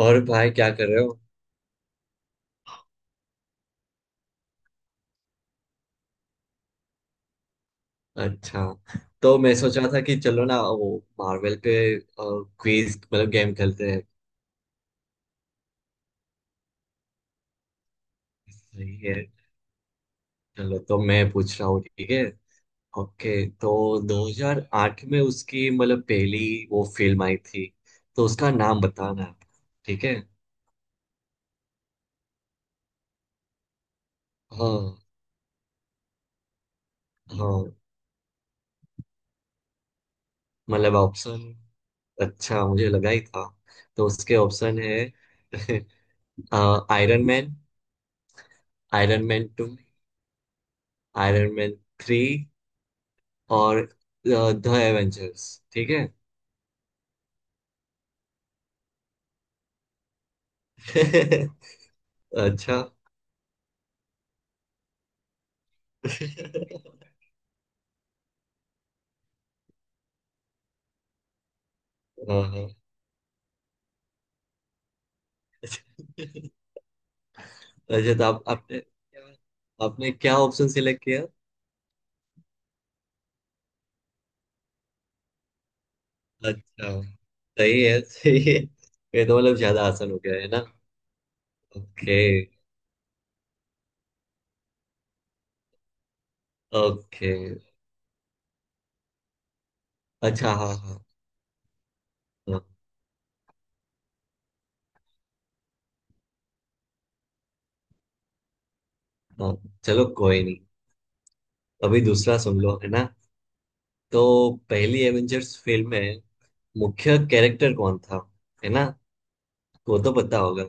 और भाई क्या कर रहे हो? अच्छा। तो मैं सोच रहा था कि चलो ना, वो मार्वल पे क्विज मतलब गेम खेलते हैं। सही है। चलो, तो मैं पूछ रहा हूँ, ठीक है? ओके। तो 2008 में उसकी मतलब पहली वो फिल्म आई थी, तो उसका नाम बताना है। ठीक है। हाँ, हाँ। मतलब ऑप्शन? अच्छा, मुझे लगा ही था। तो उसके ऑप्शन है iron Man, Iron Man two, Iron Man three, और द एवेंजर्स। ठीक है। अच्छा। हाँ, हाँ। अच्छा, तो आप आपने आपने क्या ऑप्शन सिलेक्ट किया? अच्छा, सही है, सही है। ये तो मतलब ज्यादा आसान हो गया है ना। ओके। ओके। अच्छा, हाँ हाँ, हाँ हाँ। चलो, कोई नहीं। अभी दूसरा सुन लो, है ना? तो पहली एवेंजर्स फिल्म में मुख्य कैरेक्टर कौन था, है ना? वो तो पता होगा।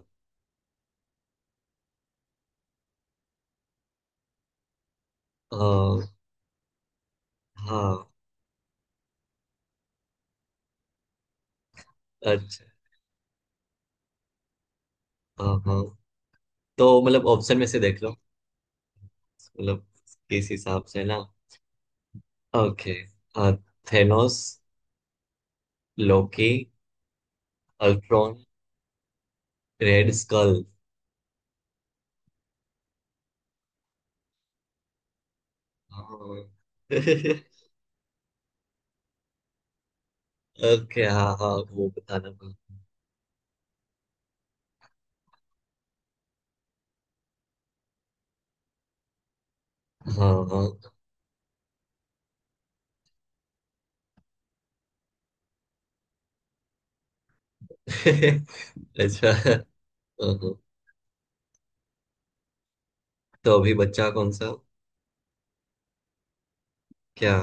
अ, हाँ। अच्छा, हाँ हाँ। तो मतलब ऑप्शन में से देख लो। मतलब किस हिसाब से ना। Okay. Thanos, Loki, Ultron, Red Skull. हाँ। ओके, हाँ हाँ, वो बताना था। हाँ, हाँ। अच्छा, हाँ, हाँ। तो अभी बच्चा कौन सा? क्या?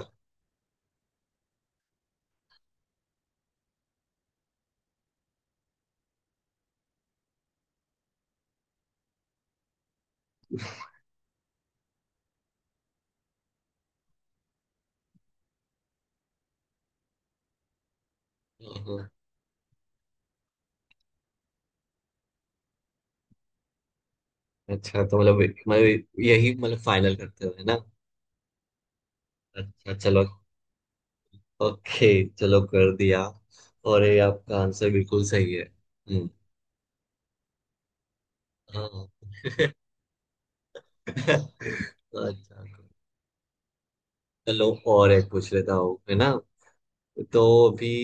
हाँ, हाँ। अच्छा, तो मतलब यही मतलब फाइनल करते हुए ना। अच्छा, चलो। ओके, चलो, कर दिया। और ये आपका आंसर बिल्कुल सही है। हम्म। हाँ। अच्छा, चलो और एक पूछ लेता हूँ, है ना? तो अभी,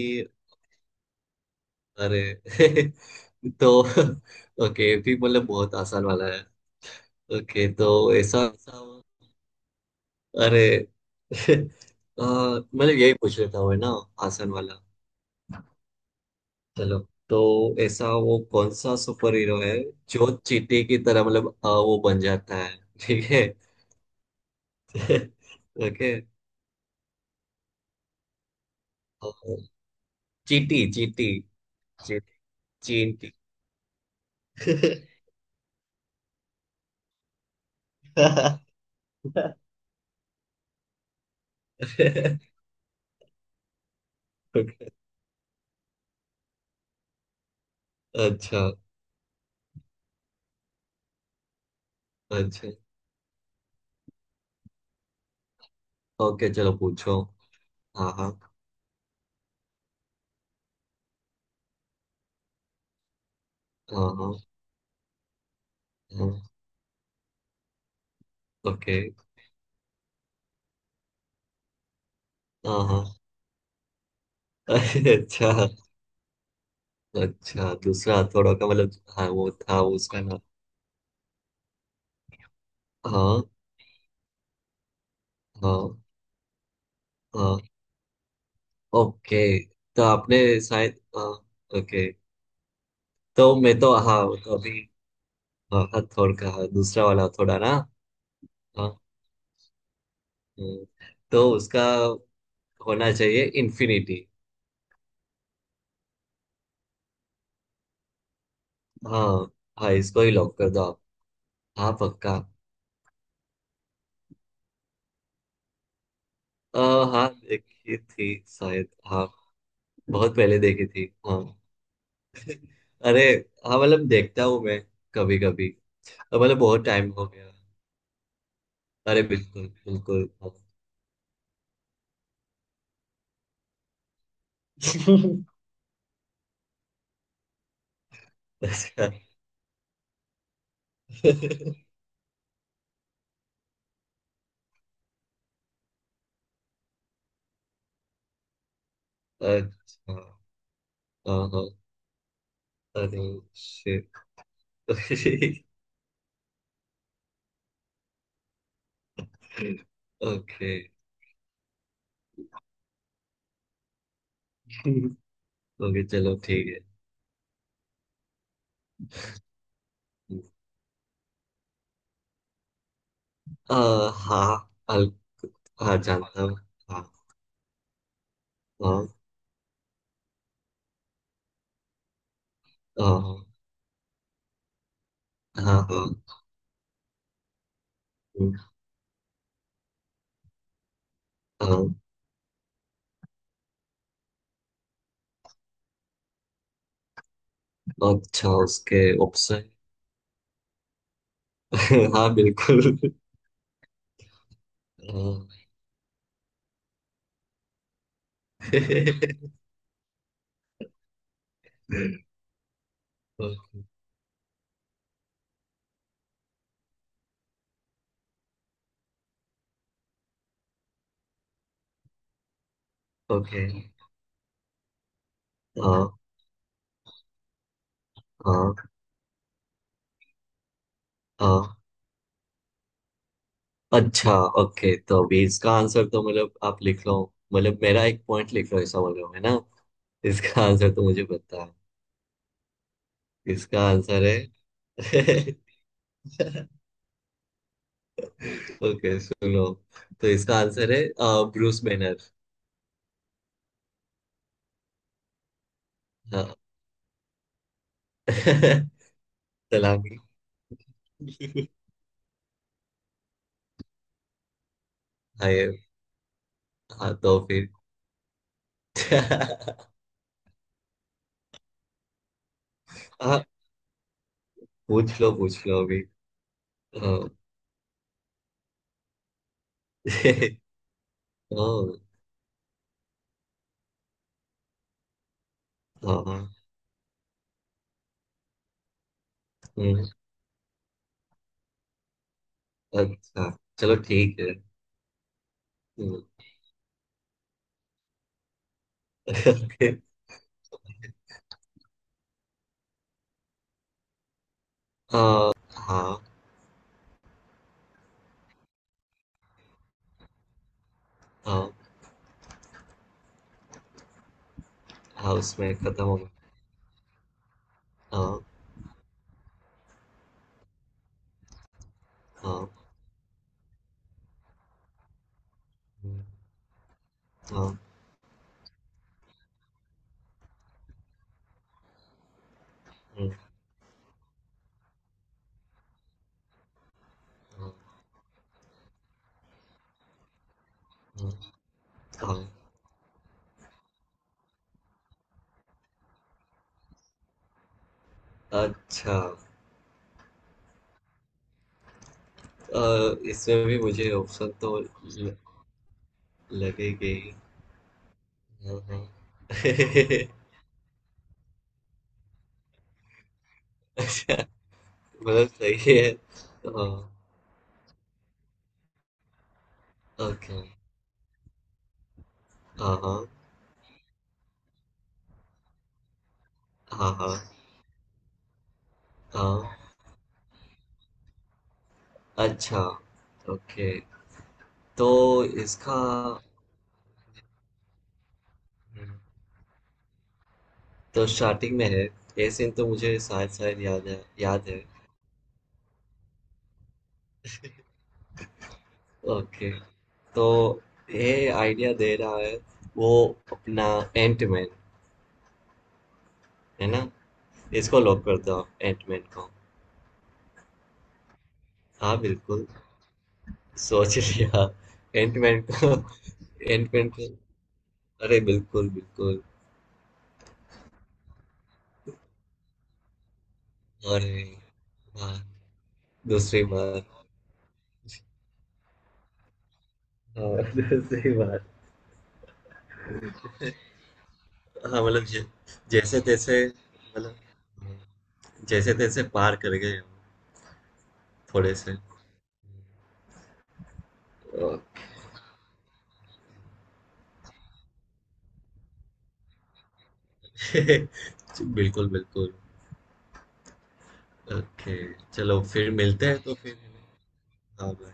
अरे तो ओके, भी मतलब बहुत आसान वाला है। ओके, तो ऐसा, अरे आ, मतलब यही पूछ लेता हूँ, है ना? आसान वाला। चलो। तो ऐसा वो कौन सा सुपर हीरो है जो चींटी की तरह, मतलब वो बन जाता है? ठीक है। ओके। और चींटी, चींटी, चींटी। Okay। अच्छा। अच्छा। ओके, चलो, पूछो। हाँ हाँ, हाँ हाँ, हाँ। ओके। हाँ, हाँ। अरे, अच्छा। अच्छा, दूसरा हथौड़ा का मतलब? हाँ, वो था उसका नाम। हाँ, हाँ, हाँ। ओके, तो आपने, शायद हाँ। ओके, तो मैं तो हाँ, तो अभी, हाँ, हथौड़ का हाँ, दूसरा वाला हथौड़ा ना। हाँ। हम्म। तो उसका होना चाहिए इन्फिनिटी। हाँ, हाँ, इसको ही लॉक कर दो। हाँ, पक्का। आ, हाँ, देखी थी शायद, हाँ। बहुत पहले देखी थी, हाँ। अरे, हाँ, मतलब देखता हूँ मैं कभी कभी। मतलब बहुत टाइम हो गया। अरे, बिल्कुल बिल्कुल, हाँ। अच्छा, अच्छा, हाँ हाँ। अरे शिट। ओके। ओके, चलो, ठीक है। हाँ, अल- हाँ, जानता हूँ। हाँ हाँ, हाँ हाँ, हाँ, हाँ, हाँ। अच्छा, उसके ऑप्शन। हाँ, बिल्कुल। ओके, हाँ हाँ, हाँ। अच्छा। ओके, तो अभी इसका आंसर तो मतलब आप लिख लो। मतलब मेरा एक पॉइंट लिख लो ऐसा बोल रहे हो, है ना? इसका आंसर तो मुझे पता है। इसका आंसर है ओके, सुनो, तो इसका आंसर है ब्रूस बैनर। हाँ। सलामी। हाँ, ये- हाँ, तो फिर हाँ, पूछ लो, पूछ लो अभी। हाँ। ओ। हाँ। हम्म। अच्छा, चलो, ठीक है। हम्म। ओके। हाँ। हाँ। हाँ, हाँ, उसमें खत्म हो गया। हाँ। हाँ। हम्म। हाँ। हम्म। हाँ। हम्म। हाँ। अच्छा। इसमें भी मुझे ऑप्शन तो ल- लगेंगे ही। हाँ, हाँ। मतलब सही है। हाँ। ओके। हाँ हाँ, हाँ हाँ, हाँ। अच्छा। ओके, तो इसका हुँ। तो स्टार्टिंग में है, ये सीन तो मुझे शायद-शायद याद है, याद है। ओके, तो ये आइडिया दे रहा है वो, अपना एंटमैन, है ना? इसको लॉक कर दो, आप एंटमैन को। हाँ, बिल्कुल, सोच लिया। एंटमैन को, एंटमैन को, अरे! बिल्कुल, बिल्कुल। अरे! हाँ, दूसरी बार। हाँ, दूसरी बार। हाँ, मतलब ज जैसे-तैसे मतलब, हाँ, जैसे-तैसे पार कर गए हम थोड़े से। ओके। बिल्कुल बिल्कुल। ओके, चलो फिर मिलते हैं, तो फिर। हाँ, भाई।